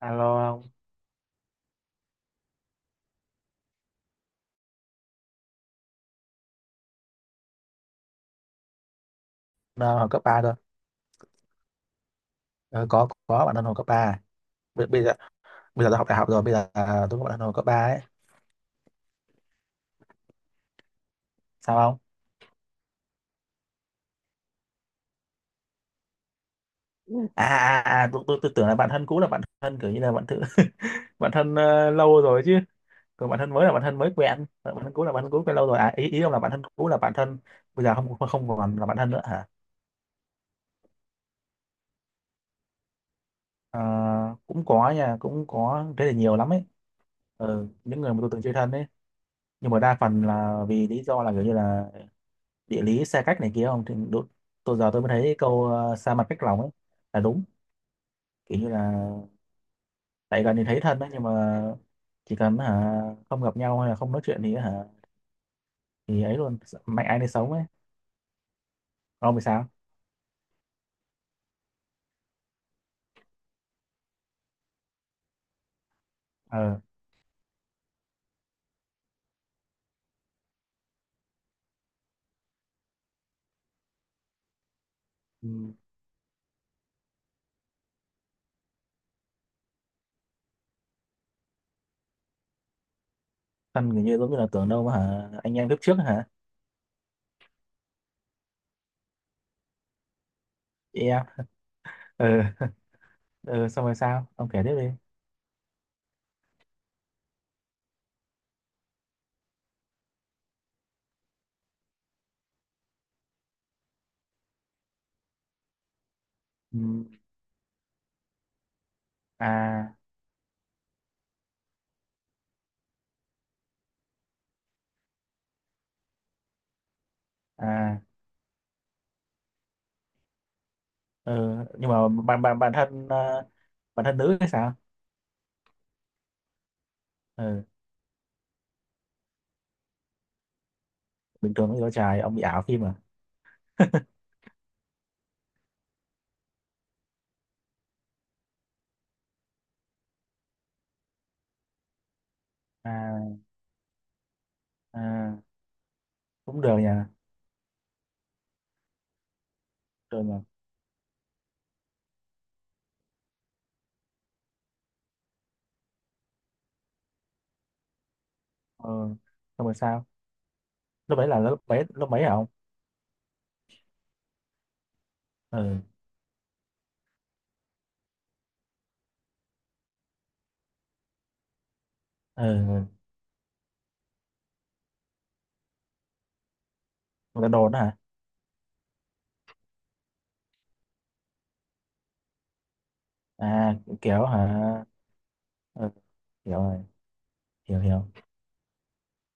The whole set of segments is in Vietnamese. Alo không? Đang học cấp 3 thôi. Ờ, có bạn đang học cấp 3 bây giờ. Bây giờ tôi học đại học rồi, bây giờ tôi có bạn đang học cấp 3 ấy, sao không? À, tôi tưởng là bạn thân cũ là bạn thân kiểu như là bạn thử bạn thân lâu rồi chứ, còn bạn thân mới là bạn thân mới quen. Ờ, bạn thân cũ là bạn thân cũ quen lâu rồi, à ý ý ông là bạn thân cũ là bạn thân bây giờ không không còn là bạn thân nữa hả? Ờ, cũng có nha, cũng có thế là nhiều lắm ấy. Ừ, những người mà tôi từng chơi thân ấy, nhưng mà đa phần là vì lý do là kiểu như là địa lý xa cách này kia, không thì đúng, tôi giờ tôi mới thấy câu xa mặt cách lòng ấy là đúng. Kiểu như là tại gần thì thấy thân đấy, nhưng mà chỉ cần hả không gặp nhau hay là không nói chuyện thì hả thì ấy luôn, mạnh ai nấy sống ấy. Còn ông thì sao? Ờ. Ừ. Thân kiểu như giống như là tưởng đâu mà hả anh em kiếp trước hả? Chị em. Ờ. Ờ, xong rồi sao ông kể tiếp đi. Ừ. À. À. Ờ. Nhưng mà bản bản bản thân bản thân nữ hay sao? Ờ, bình thường với đứa trai ông bị ảo phim à? À. À. Cũng được nha. Được mà. Ờ, xong rồi sao? Lớp bảy là lớp bảy hả ông? Ừ. Ừ. Người ta đồn đó hả? À, kiểu hả? Ừ. Hiểu rồi, hiểu hiểu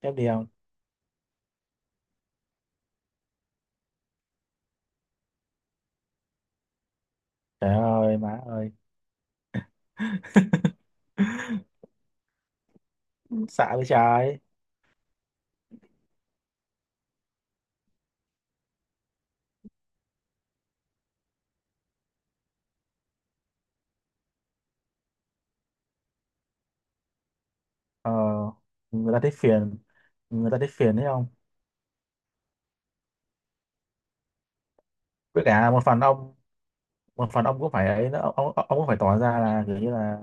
Tiếp đi không? Trời ơi má ơi. Xạ với trái. Ờ, người ta thấy phiền. Người ta thấy phiền đấy không? Với cả một phần ông, một phần ông cũng phải ấy nữa, ông cũng phải tỏ ra là kiểu như là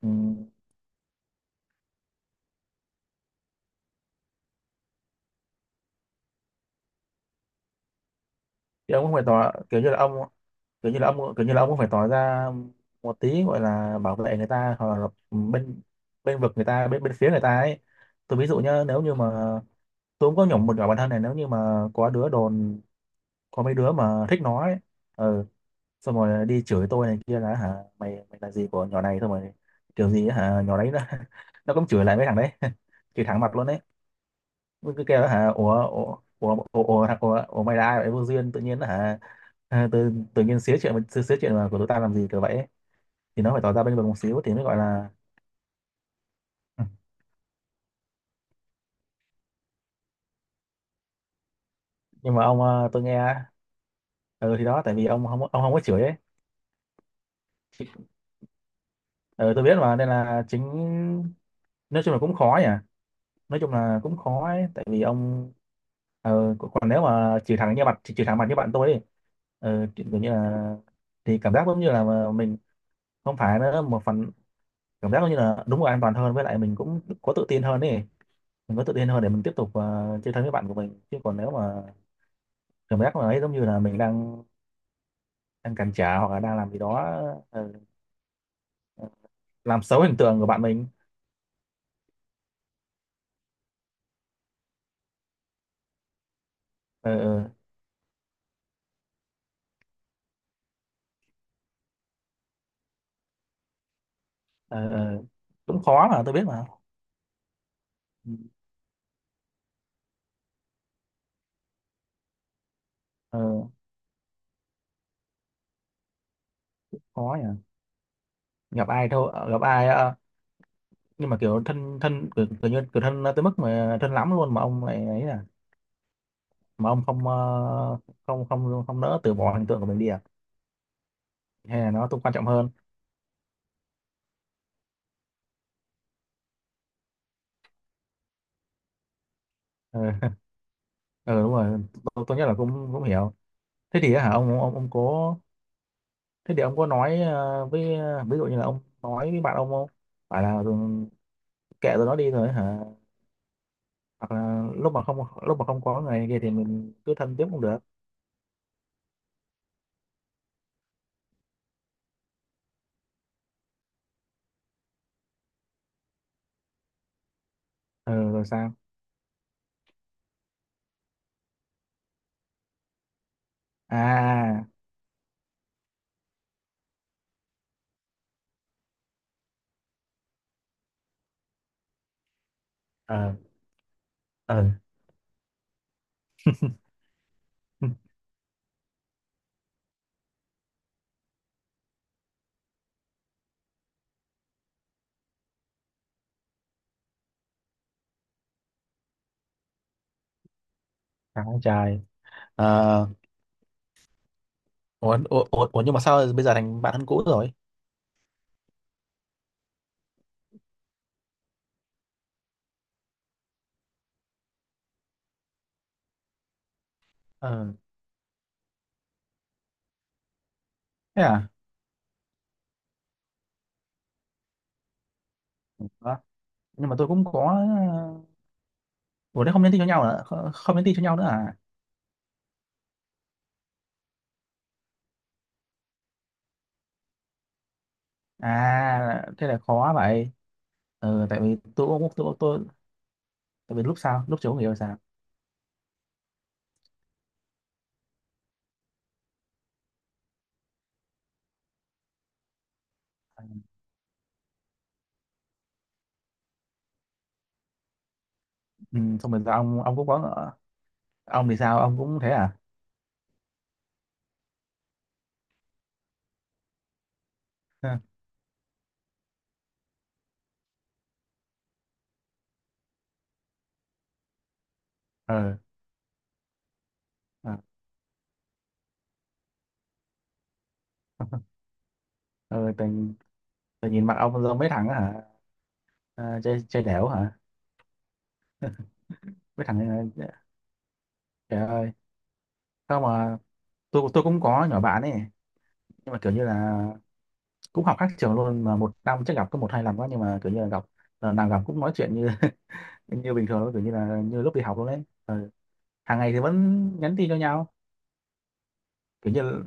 ừ, thì ông cũng phải tỏ kiểu như là ông, kiểu như là ông, kiểu như là ông cũng phải tỏ ra một tí gọi là bảo vệ người ta hoặc là bên bên vực người ta bên bên phía người ta ấy. Tôi ví dụ nhá, nếu như mà tôi cũng có nhỏ một nhỏ bản thân này, nếu như mà có đứa đồn, có mấy đứa mà thích nó ấy, ừ, xong rồi đi chửi tôi này kia là hả mày mày là gì của nhỏ này, xong rồi kiểu gì ấy hả, nhỏ đấy nó nó cũng chửi lại mấy thằng đấy chửi thẳng mặt luôn đấy. Mới cứ kêu là hả ủa, mày là ai vậy, vô duyên tự nhiên là hả à, tự tự nhiên xía chuyện xía chuyện mà của tụi tao làm gì kiểu vậy ấy. Thì nó phải tỏ ra bên vực một xíu thì mới gọi là. "Ừ. Nhưng mà ông tôi nghe, ừ thì đó, tại vì ông không, ông không có chửi ấy. Ừ, tôi biết mà, nên là chính nói chung là cũng khó nhỉ, nói chung là cũng khó ấy. Tại vì ông còn nếu mà chửi thẳng như bạn, chửi thẳng mặt như bạn tôi ấy, ờ, kiểu như là thì cảm giác giống như là mà mình không phải nữa, một phần cảm giác như là đúng là an toàn hơn, với lại mình cũng có tự tin hơn ấy. Mình có tự tin hơn để mình tiếp tục chơi thân với bạn của mình, chứ còn nếu mà cảm giác là ấy giống như là mình đang đang cản trở hoặc là đang làm gì đó ờ, làm xấu hình tượng của bạn mình. Ờ. Ờ. Ờ. Ờ. Cũng khó mà tôi biết mà. Ờ, khó nhỉ. Gặp ai thôi, gặp ai nhưng mà kiểu thân thân kiểu, kiểu như kiểu thân tới mức mà thân lắm luôn mà ông lại ấy à, mà ông không không không không nỡ từ bỏ hình tượng của mình đi à, hay là nó cũng quan trọng hơn. Ờ. Ừ đúng rồi. Tôi nhất là cũng cũng hiểu. Thế thì á hả ông, ông có thế thì ông có nói với ví dụ như là ông nói với bạn ông không phải là ừ, kệ rồi nó đi rồi hả, hoặc là lúc mà không có người này kia thì mình cứ thân tiếp cũng được. Ừ rồi sao? À. Ờ. Ờ. Ừ. Chán quá. Ờ. Ủa, nhưng mà sao bây giờ thành bạn thân cũ rồi? Ờ, thế à? Đó. Nhưng mà tôi cũng có, ủa thế không nhắn tin cho nhau nữa không, không nhắn tin cho nhau nữa à? À thế là khó vậy. Ừ, tại vì tôi cũng tôi, tại vì lúc sau lúc chiều không hiểu sao. Ừ, xong rồi sao ông cũng có, ông thì sao, ông cũng thế à? Ừ. Ừ. Ừ, tự nhìn mặt ông giống mấy thằng á hả? À, chơi chơi đẻo hả? Mấy thằng. Ờ. Trời ơi. Không mà, tôi cũng có nhỏ bạn ấy, nhưng mà kiểu như là cũng học khác trường luôn, mà một năm chắc gặp có một hai lần quá, nhưng mà kiểu như là gặp là nào gặp cũng nói chuyện như như bình thường luôn, kiểu như là như lúc đi học luôn đấy. Ừ, hàng ngày thì vẫn nhắn tin cho nhau kiểu như.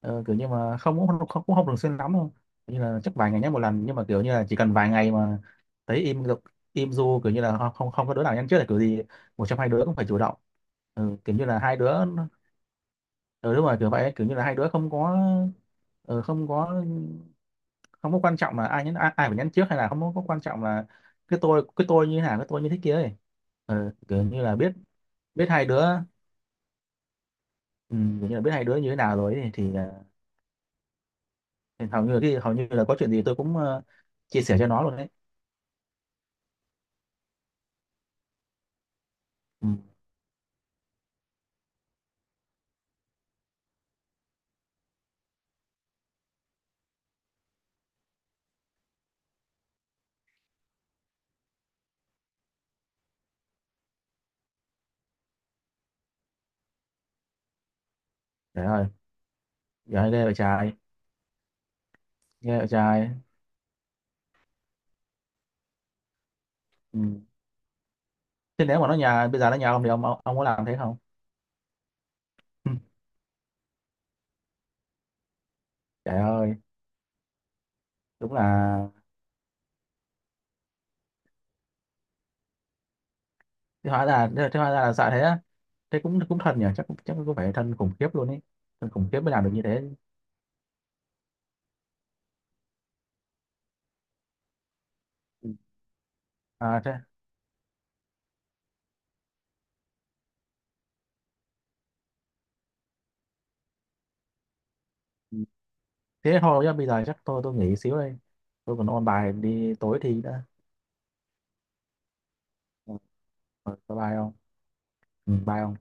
Ờ, kiểu như mà không cũng không, cũng không thường xuyên lắm đâu. Kiểu như là chắc vài ngày nhé một lần, nhưng mà kiểu như là chỉ cần vài ngày mà thấy im được, im du kiểu như là không không không có đứa nào nhắn trước là kiểu gì, một trong hai đứa cũng phải chủ động. Ừ, kiểu như là hai đứa, ừ, đúng rồi kiểu vậy, kiểu như là hai đứa không có, ừ, không có, không có quan trọng là ai nhắn ai, ai phải nhắn trước, hay là không có quan trọng là cái tôi, cái tôi như thế nào, cái tôi như thế kia ấy. Ừ, kiểu như là biết, biết hai đứa, ừ, kiểu như là biết hai đứa như thế nào rồi ấy, thì hầu như là cái hầu như là có chuyện gì tôi cũng chia sẻ cho nó luôn đấy. Ừ. Trời ơi. Giờ ghê vậy trai. Ghê vậy trai. Ừ. Thế nếu mà nó nhà bây giờ nó nhà ông thì ông ông có làm thế không? Ừ. Trời ơi. Đúng là. Thế hóa ra, thế hóa ra là sợ thế á? Thế cũng cũng thân nhỉ, chắc chắc cũng phải thân khủng khiếp luôn ấy, thân khủng khiếp mới làm được như thế. Ừ. À, thế. Ừ. Thế thôi nhá, bây giờ chắc tôi nghỉ xíu đây, tôi còn ôn bài đi tối thì đã. Ừ. Bye bye ông. Ừ, bye ông.